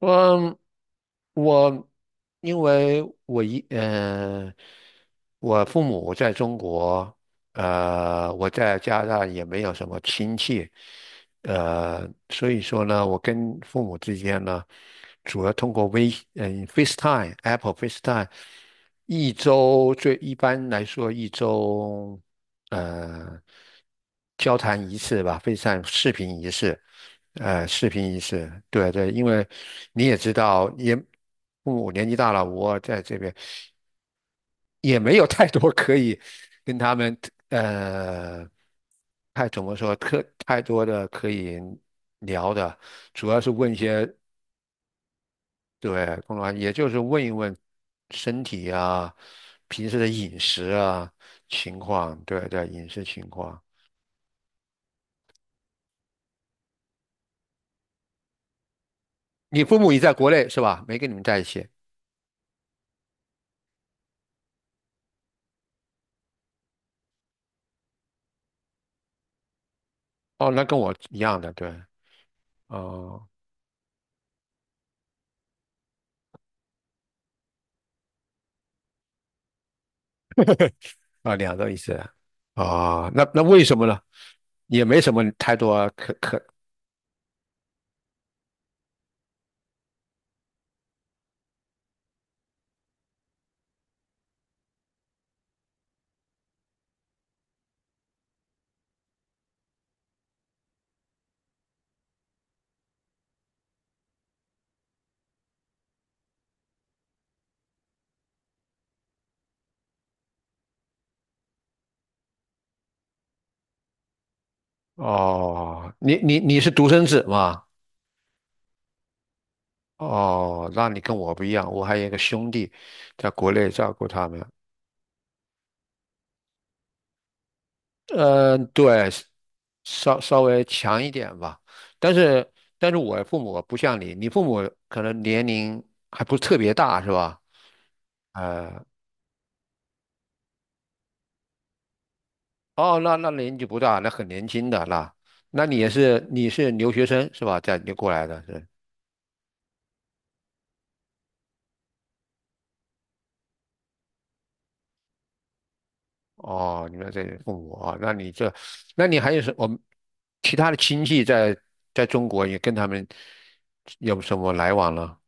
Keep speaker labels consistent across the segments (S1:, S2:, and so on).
S1: 嗯，我因为我我父母在中国，我在加拿大也没有什么亲戚，所以说呢，我跟父母之间呢，主要通过FaceTime、Apple FaceTime，一周最一般来说一周。呃交谈仪式吧，非常视频仪式，视频仪式，对对，因为你也知道，父母年纪大了，我在这边也没有太多可以跟他们，呃，怎么说，太多的可以聊的，主要是问一些，对，公然也就是问一问身体啊，平时的饮食啊情况，对对，饮食情况。你父母也在国内是吧？没跟你们在一起。哦，那跟我一样的，对。哦，啊，两个意思来。啊，那为什么呢？也没什么太多可。哦，你是独生子嘛？哦，那你跟我不一样，我还有一个兄弟，在国内照顾他们。嗯，对，稍微强一点吧。但是我父母不像你，你父母可能年龄还不是特别大，是吧？呃，哦，那年纪不大，那很年轻的那，那你是留学生是吧？在你过来的是哦，你们这里父母啊，那你这，那你还有什我们其他的亲戚在中国也跟他们有什么来往了？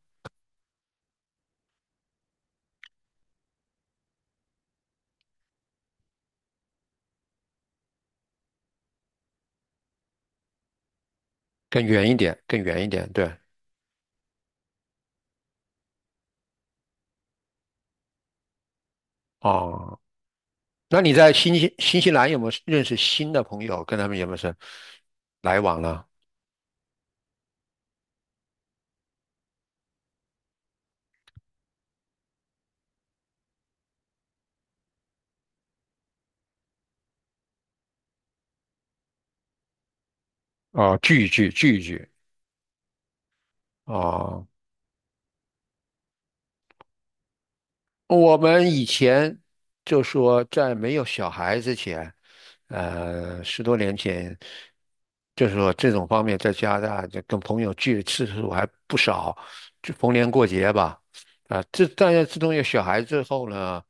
S1: 更远一点，更远一点，对。哦。那你在新西兰有没有认识新的朋友？跟他们有没有来往了？哦，聚一聚，聚一聚哦。我们以前就说，在没有小孩之前，十多年前，就是说这种方面在加拿大，就跟朋友聚的次数还不少，就逢年过节吧。啊，大家自从有小孩之后呢，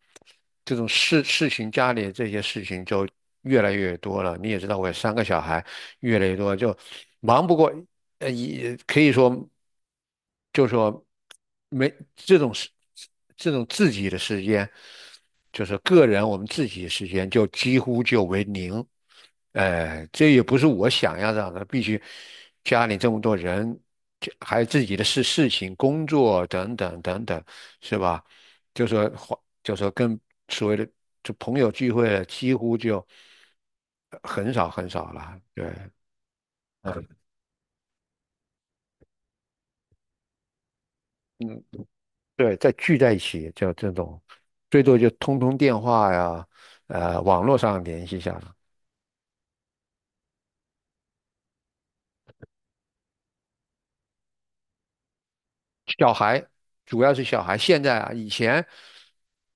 S1: 这种事情家里这些事情就越来越多了。你也知道，我有三个小孩，越来越多，就忙不过，也可以说，就说没这种事，这种自己的时间，就是个人我们自己的时间，就几乎就为零。哎，这也不是我想要让的，必须家里这么多人，这还有自己的事情、工作等等等等，是吧？就说花就说跟所谓的就朋友聚会了几乎就很少很少了。对，嗯嗯，对，再聚在一起就这种，最多就通电话呀，网络上联系一下。小孩，主要是小孩。现在啊，以前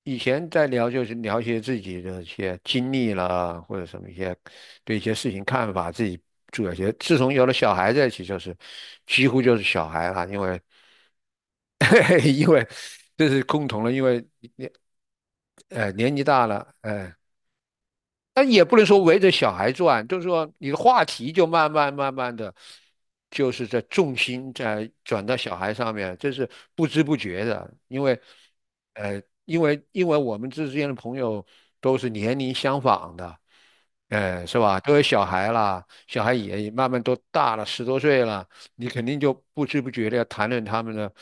S1: 在聊就是聊一些自己的一些经历啦，或者什么一些对一些事情看法，自己做一些。自从有了小孩在一起，就是几乎就是小孩了，因为 因为这是共同的，因为年纪大了，哎、但也不能说围着小孩转，就是说你的话题就慢慢慢慢的，就是在重心在转到小孩上面，这是不知不觉的，因为，因为我们之间的朋友都是年龄相仿的，是吧？都有小孩啦，小孩也慢慢都大了，十多岁了，你肯定就不知不觉的要谈论他们的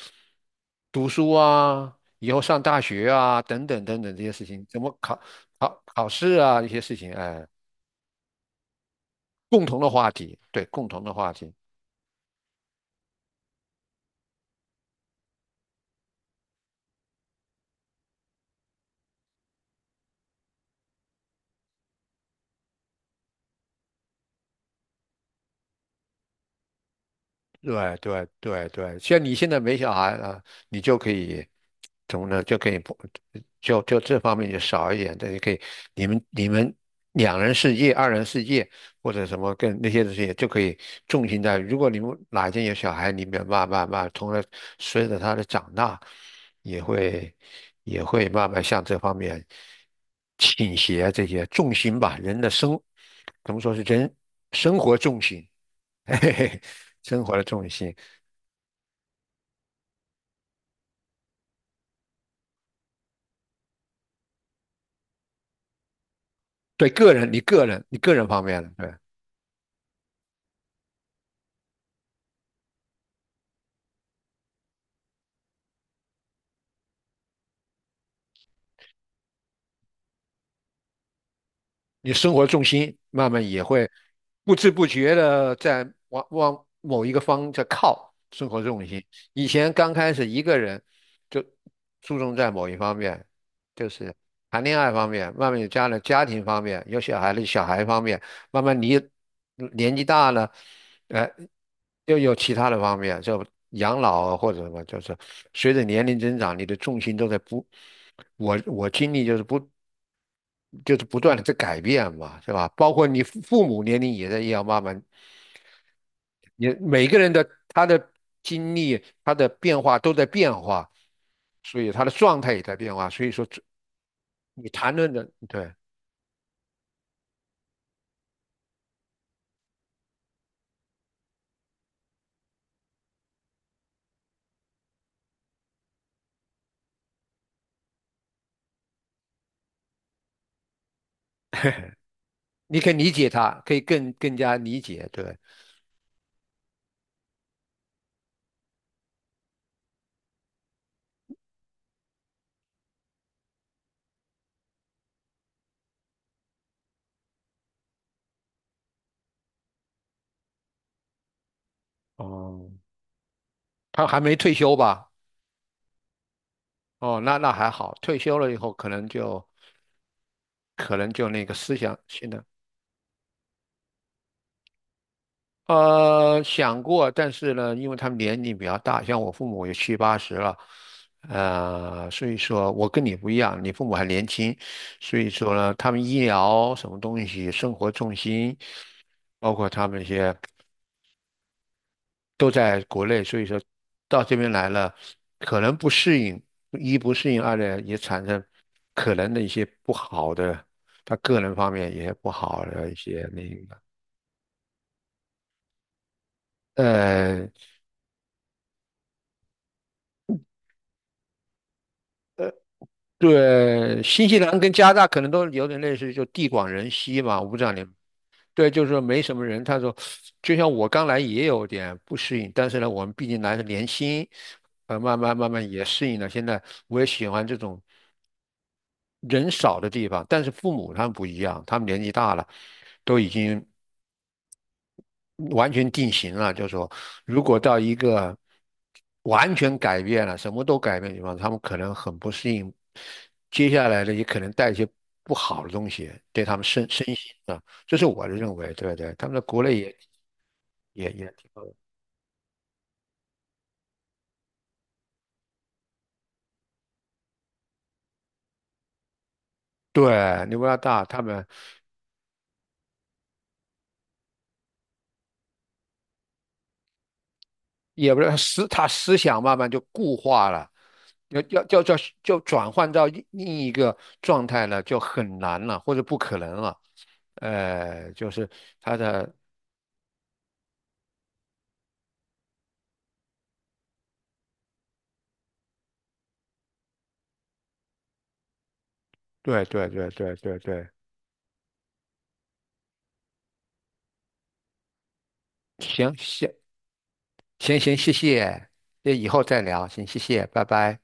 S1: 读书啊，以后上大学啊，等等等等这些事情，怎么考试啊，一些事情，哎。共同的话题，对，共同的话题。对对对对，像你现在没小孩啊，你就可以怎么呢？就可以不就这方面就少一点，这也可以你们两人世界、二人世界或者什么跟那些东西就可以重心在。如果你们哪一天有小孩，你们慢慢慢，随着他的长大，也会也会慢慢向这方面倾斜这些重心吧，人的怎么说是人生活重心。嘿嘿嘿，生活的重心，对个人，你个人，你个人方面的，对。你生活重心慢慢也会不知不觉的在往某一个方在靠生活重心。以前刚开始一个人就注重在某一方面，就是谈恋爱方面，慢慢有家了家庭方面，有小孩了小孩方面，慢慢你年纪大了，呃，又有其他的方面，就养老啊或者什么，就是随着年龄增长，你的重心都在不，我经历就是不。就是不断的在改变嘛，是吧？包括你父母年龄也要慢慢你每个人的他的经历、他的变化都在变化，所以他的状态也在变化。所以说这你谈论的，对，你可以理解他，可以更加理解。对，哦，他还没退休吧？哦，那那还好，退休了以后可能就那个思想性的。想过，但是呢，因为他们年龄比较大，像我父母也七八十了，所以说我跟你不一样，你父母还年轻，所以说呢，他们医疗什么东西、生活重心，包括他们一些都在国内，所以说到这边来了，可能不适应，一不适应，二呢也产生可能的一些不好的，他个人方面也不好的一些那个。呃。对，新西兰跟加拿大可能都有点类似，就地广人稀嘛。我不知道你，对，就是说没什么人。他说，就像我刚来也有点不适应，但是呢，我们毕竟来的年轻，慢慢慢慢也适应了。现在我也喜欢这种人少的地方，但是父母他们不一样，他们年纪大了，都已经。完全定型了，就说如果到一个完全改变了，什么都改变的地方，他们可能很不适应，接下来的也可能带一些不好的东西对他们身心啊，这是我的认为，对不对？他们在国内也挺好的，对，牛加大他们也不是他思想慢慢就固化了。要就转换到另一个状态了，就很难了，或者不可能了。就是他的对对对对对对，行，行行行，谢谢，那以后再聊，行，谢谢，拜拜。